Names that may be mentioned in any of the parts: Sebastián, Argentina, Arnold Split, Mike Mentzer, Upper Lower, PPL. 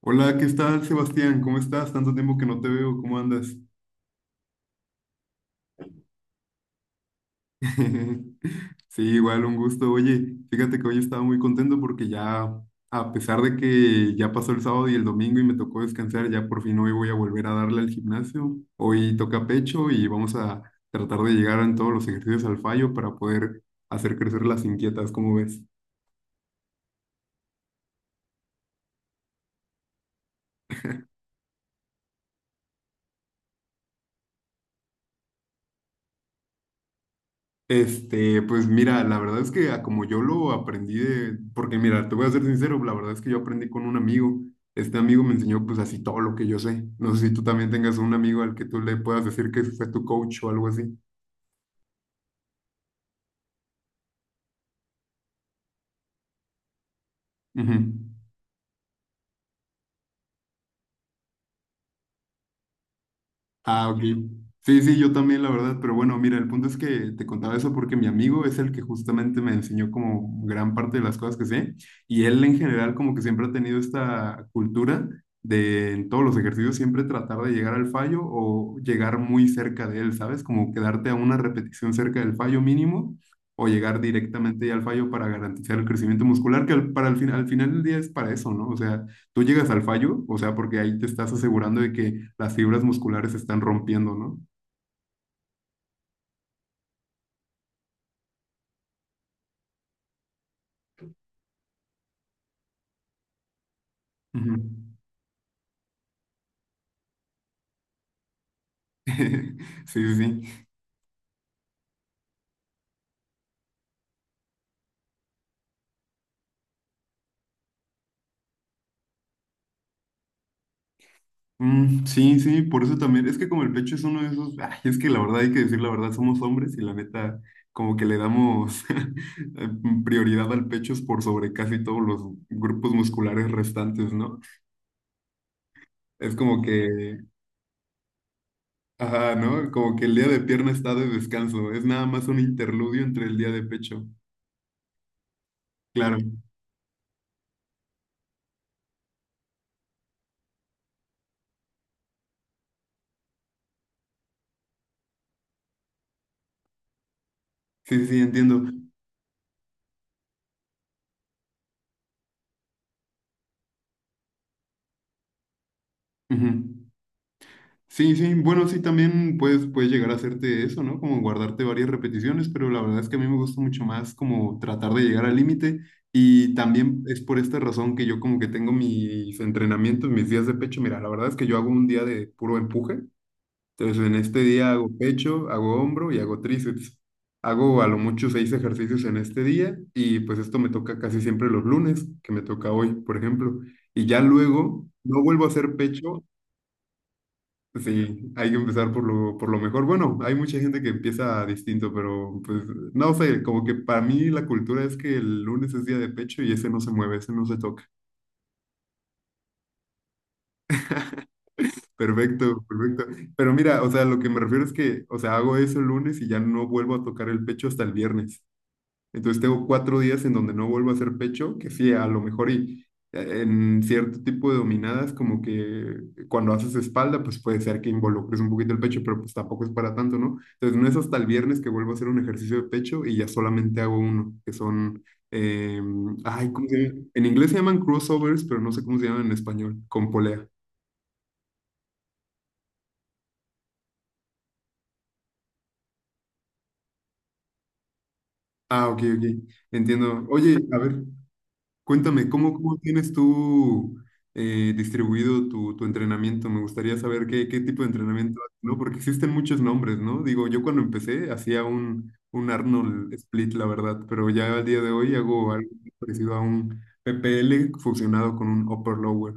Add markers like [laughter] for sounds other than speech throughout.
Hola, ¿qué tal, Sebastián? ¿Cómo estás? Tanto tiempo que no te veo, ¿cómo andas? [laughs] Sí, igual un gusto. Oye, fíjate que hoy estaba muy contento porque ya, a pesar de que ya pasó el sábado y el domingo y me tocó descansar, ya por fin hoy voy a volver a darle al gimnasio. Hoy toca pecho y vamos a tratar de llegar en todos los ejercicios al fallo para poder hacer crecer las inquietas, ¿cómo ves? Pues mira, la verdad es que a como yo lo aprendí de, porque mira, te voy a ser sincero, la verdad es que yo aprendí con un amigo. Este amigo me enseñó pues así todo lo que yo sé. No sé si tú también tengas un amigo al que tú le puedas decir que fue tu coach o algo así. Ujú. Ah, ok. Sí, sí, yo también, la verdad. Pero bueno, mira, el punto es que te contaba eso porque mi amigo es el que justamente me enseñó como gran parte de las cosas que sé. Y él en general como que siempre ha tenido esta cultura de en todos los ejercicios siempre tratar de llegar al fallo o llegar muy cerca de él, ¿sabes? Como quedarte a una repetición cerca del fallo mínimo o llegar directamente ya al fallo para garantizar el crecimiento muscular, que al final del día es para eso, ¿no? O sea, ¿tú llegas al fallo? O sea, porque ahí te estás asegurando de que las fibras musculares se están rompiendo, ¿no? Ujú. [laughs] Sí, sí, sí. Mm, sí, sí, por eso también. Es que como el pecho es uno de esos, ay, es que la verdad hay que decir la verdad, somos hombres y la neta, como que le damos [laughs] prioridad al pecho es por sobre casi todos los grupos musculares restantes, ¿no? Es como que, ajá, ¿no? Como que el día de pierna está de descanso, es nada más un interludio entre el día de pecho. Claro, sí, sí, sí, entiendo. Ujú. Sí, sí, bueno, sí, también puedes llegar a hacerte eso, ¿no? Como guardarte varias repeticiones, pero la verdad es que a mí me gusta mucho más como tratar de llegar al límite y también es por esta razón que yo como que tengo mis entrenamientos, mis días de pecho. Mira, la verdad es que yo hago un día de puro empuje, entonces en este día hago pecho, hago hombro y hago tríceps. Hago a lo mucho seis ejercicios en este día y pues esto me toca casi siempre los lunes, que me toca hoy, por ejemplo. Y ya luego no vuelvo a hacer pecho. Sí, hay que empezar por lo mejor. Bueno, hay mucha gente que empieza distinto, pero pues no sé, como que para mí la cultura es que el lunes es día de pecho y ese no se mueve, ese no se toca. Perfecto, perfecto. Pero mira, o sea, lo que me refiero es que, o sea, hago eso el lunes y ya no vuelvo a tocar el pecho hasta el viernes. Entonces tengo 4 días en donde no vuelvo a hacer pecho, que sí, a lo mejor y en cierto tipo de dominadas, como que cuando haces espalda, pues puede ser que involucres un poquito el pecho, pero pues tampoco es para tanto, ¿no? Entonces no es hasta el viernes que vuelvo a hacer un ejercicio de pecho y ya solamente hago uno, que son, eh, ay, ¿cómo se llama? En inglés se llaman crossovers, pero no sé cómo se llaman en español, con polea. Ah, ok, ok, entiendo. Oye, a ver. Cuéntame, ¿cómo tienes tú distribuido tu entrenamiento? Me gustaría saber qué tipo de entrenamiento haces, ¿no? Porque existen muchos nombres, ¿no? Digo, yo cuando empecé hacía un Arnold Split, la verdad, pero ya al día de hoy hago algo parecido a un PPL fusionado con un Upper Lower.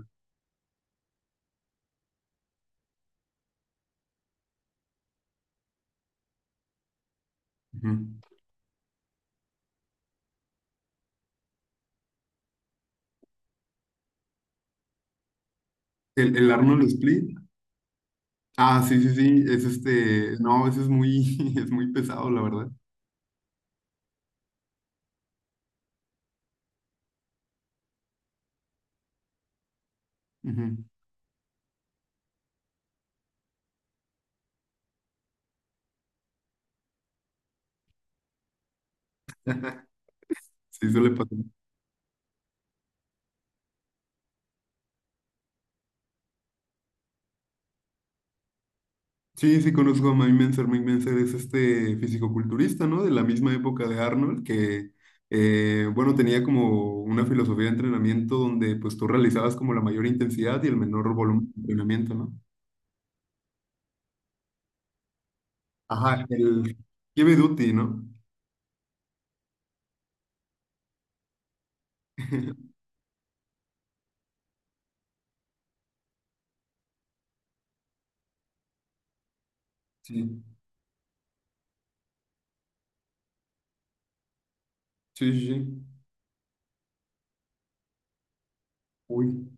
Ujú. El Arnold Split, ah, sí, sí, sí, es este, no, eso [laughs] es muy pesado, la verdad. Ujú. [laughs] Sí, suele pasar. Sí, sí conozco a Mike Mentzer. Mike Mentzer es este fisicoculturista, ¿no? De la misma época de Arnold, que, bueno, tenía como una filosofía de entrenamiento donde pues tú realizabas como la mayor intensidad y el menor volumen de entrenamiento, ¿no? Ajá, el heavy duty, ¿no? [laughs] Sí, sí, sí. Sí. Uy. [laughs]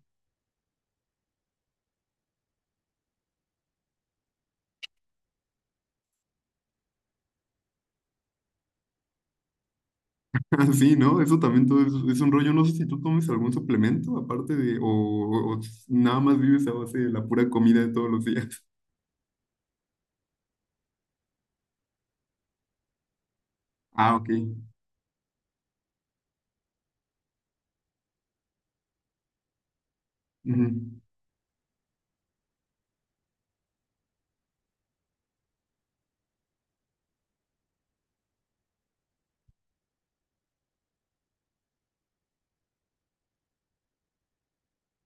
Ah, sí, ¿no? Eso también todo es un rollo. No sé si tú tomes algún suplemento aparte de, o nada más vives a base de la pura comida de todos los días. Ah, ok. Ujú.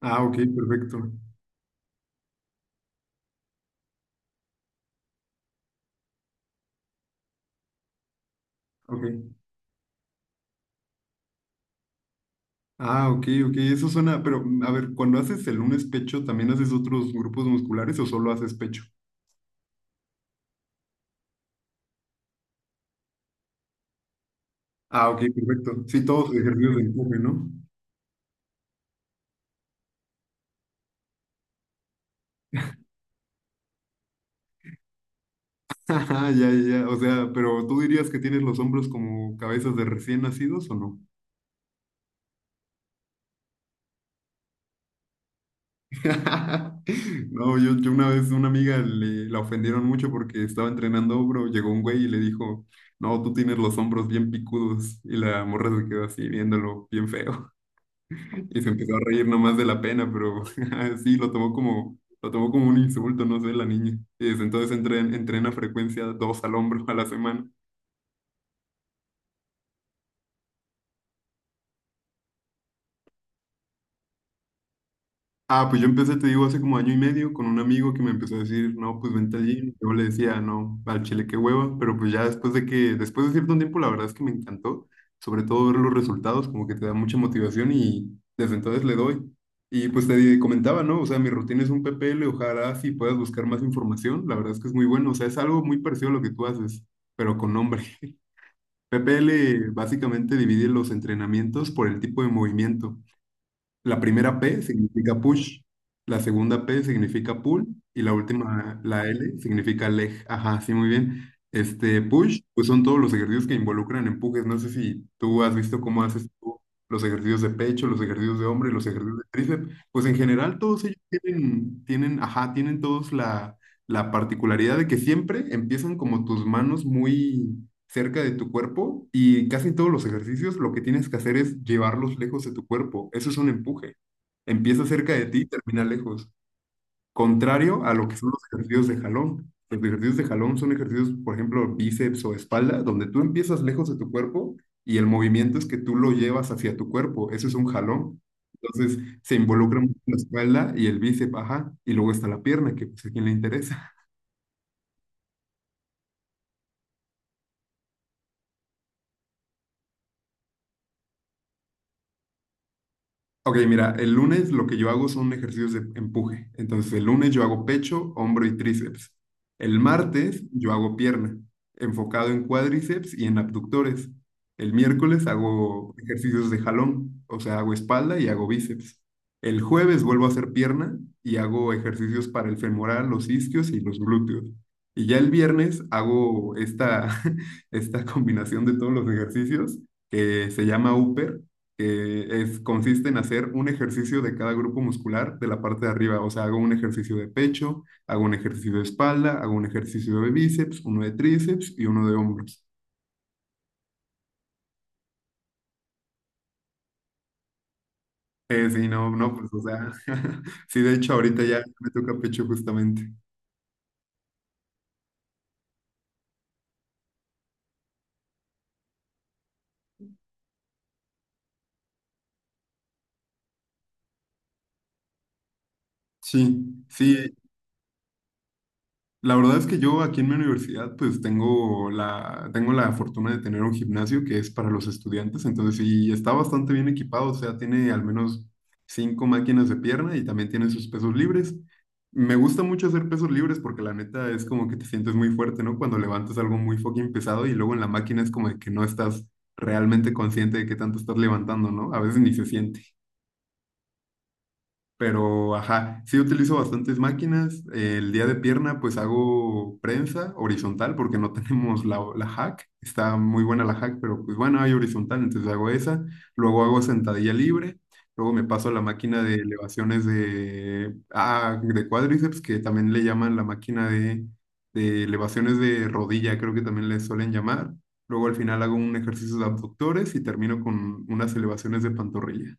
Ah, ok, perfecto. Ok. Ah, ok, ok, eso suena, pero a ver, cuando haces el lunes pecho, ¿también haces otros grupos musculares o solo haces pecho? Ah, ok, perfecto. Sí, todos ejercicios de empuje, ¿no? [laughs] Ajá, ya, ya, ya. O sea, pero ¿tú dirías que tienes los hombros como cabezas de recién nacidos o no? [laughs] No, yo una vez una amiga la ofendieron mucho porque estaba entrenando hombro, llegó un güey y le dijo, no, tú tienes los hombros bien picudos y la morra se quedó así viéndolo bien feo. Y se empezó a reír nomás de la pena, pero [laughs] sí, lo tomó como un insulto, no sé, la niña. Y desde entonces entrena frecuencia dos al hombro a la semana. Ah, pues yo empecé, te digo, hace como año y medio con un amigo que me empezó a decir, no, pues vente al gym. Yo le decía, no, al chile qué hueva, pero pues ya después de cierto tiempo, la verdad es que me encantó, sobre todo ver los resultados, como que te da mucha motivación y desde entonces le doy. Y pues te comentaba, ¿no? O sea, mi rutina es un PPL, ojalá si puedas buscar más información, la verdad es que es muy bueno, o sea, es algo muy parecido a lo que tú haces, pero con nombre. [laughs] PPL básicamente divide los entrenamientos por el tipo de movimiento. La primera P significa push, la segunda P significa pull y la última, la L, significa leg. Ajá, sí, muy bien. Este push, pues son todos los ejercicios que involucran empujes. No sé si tú has visto cómo haces tú los ejercicios de pecho, los ejercicios de hombro y los ejercicios de tríceps. Pues en general todos ellos tienen, ajá, tienen todos la particularidad de que siempre empiezan como tus manos muy cerca de tu cuerpo y casi en todos los ejercicios lo que tienes que hacer es llevarlos lejos de tu cuerpo. Eso es un empuje. Empieza cerca de ti y termina lejos. Contrario a lo que son los ejercicios de jalón. Los ejercicios de jalón son ejercicios, por ejemplo, bíceps o espalda, donde tú empiezas lejos de tu cuerpo y el movimiento es que tú lo llevas hacia tu cuerpo. Eso es un jalón. Entonces se involucra mucho la espalda y el bíceps, ajá, y luego está la pierna, que pues a quien le interesa. Ok, mira, el lunes lo que yo hago son ejercicios de empuje. Entonces, el lunes yo hago pecho, hombro y tríceps. El martes yo hago pierna, enfocado en cuádriceps y en abductores. El miércoles hago ejercicios de jalón, o sea, hago espalda y hago bíceps. El jueves vuelvo a hacer pierna y hago ejercicios para el femoral, los isquios y los glúteos. Y ya el viernes hago esta, [laughs] esta combinación de todos los ejercicios que se llama upper. Consiste en hacer un ejercicio de cada grupo muscular de la parte de arriba. O sea, hago un ejercicio de pecho, hago un ejercicio de espalda, hago un ejercicio de bíceps, uno de tríceps y uno de hombros. Sí, no, no, pues, o sea, [laughs] sí, de hecho, ahorita ya me toca pecho justamente. Sí, sí. La verdad es que yo aquí en mi universidad pues tengo la fortuna de tener un gimnasio que es para los estudiantes, entonces sí está bastante bien equipado, o sea, tiene al menos cinco máquinas de pierna y también tiene sus pesos libres. Me gusta mucho hacer pesos libres porque la neta es como que te sientes muy fuerte, ¿no? Cuando levantas algo muy fucking pesado y luego en la máquina es como de que no estás realmente consciente de qué tanto estás levantando, ¿no? A veces ni se siente. Pero, ajá, sí utilizo bastantes máquinas. El día de pierna, pues hago prensa horizontal porque no [laughs] tenemos la hack. Está muy buena la hack, pero pues bueno, hay horizontal, entonces hago esa. Luego hago sentadilla libre. Luego me paso a la máquina de elevaciones de cuádriceps, que también le llaman la máquina de elevaciones de rodilla, creo que también le suelen llamar. Luego al final hago un ejercicio de abductores y termino con unas elevaciones de pantorrilla.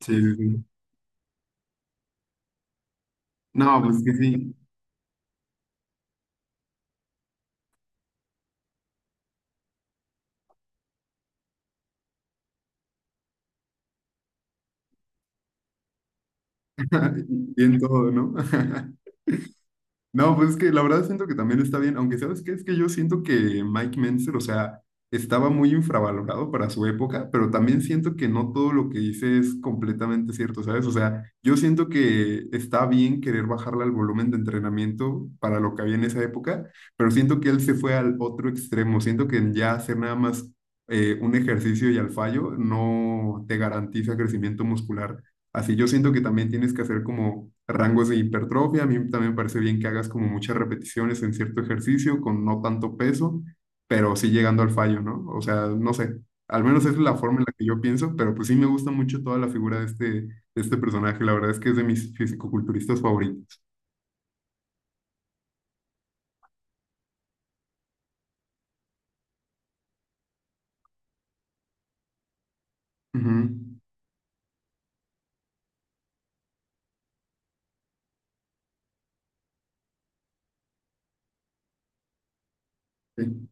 Sí, sí, sí. No, pues que sí. [laughs] Y en todo, ¿no? [laughs] No, pues es que la verdad siento que también está bien, aunque ¿sabes qué? Es que yo siento que Mike Mentzer, o sea, estaba muy infravalorado para su época, pero también siento que no todo lo que dice es completamente cierto, ¿sabes? O sea, yo siento que está bien querer bajarle al volumen de entrenamiento para lo que había en esa época, pero siento que él se fue al otro extremo, siento que ya hacer nada más un ejercicio y al fallo no te garantiza crecimiento muscular. Así yo siento que también tienes que hacer como rangos de hipertrofia. A mí también me parece bien que hagas como muchas repeticiones en cierto ejercicio con no tanto peso, pero sí llegando al fallo, ¿no? O sea, no sé, al menos esa es la forma en la que yo pienso, pero pues sí me gusta mucho toda la figura de este personaje. La verdad es que es de mis fisicoculturistas favoritos. Ujú. Sí.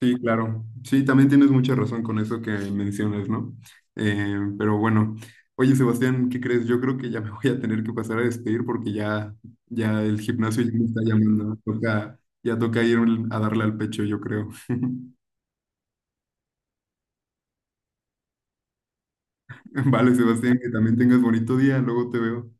Sí, claro. Sí, también tienes mucha razón con eso que mencionas, ¿no? Pero bueno, oye Sebastián, ¿qué crees? Yo creo que ya [laughs] me voy a tener que pasar a despedir porque ya el gimnasio ya me está llamando. Ya toca ir a darle al pecho, yo creo. [laughs] Vale, Sebastián, que también tengas bonito día. Luego te veo.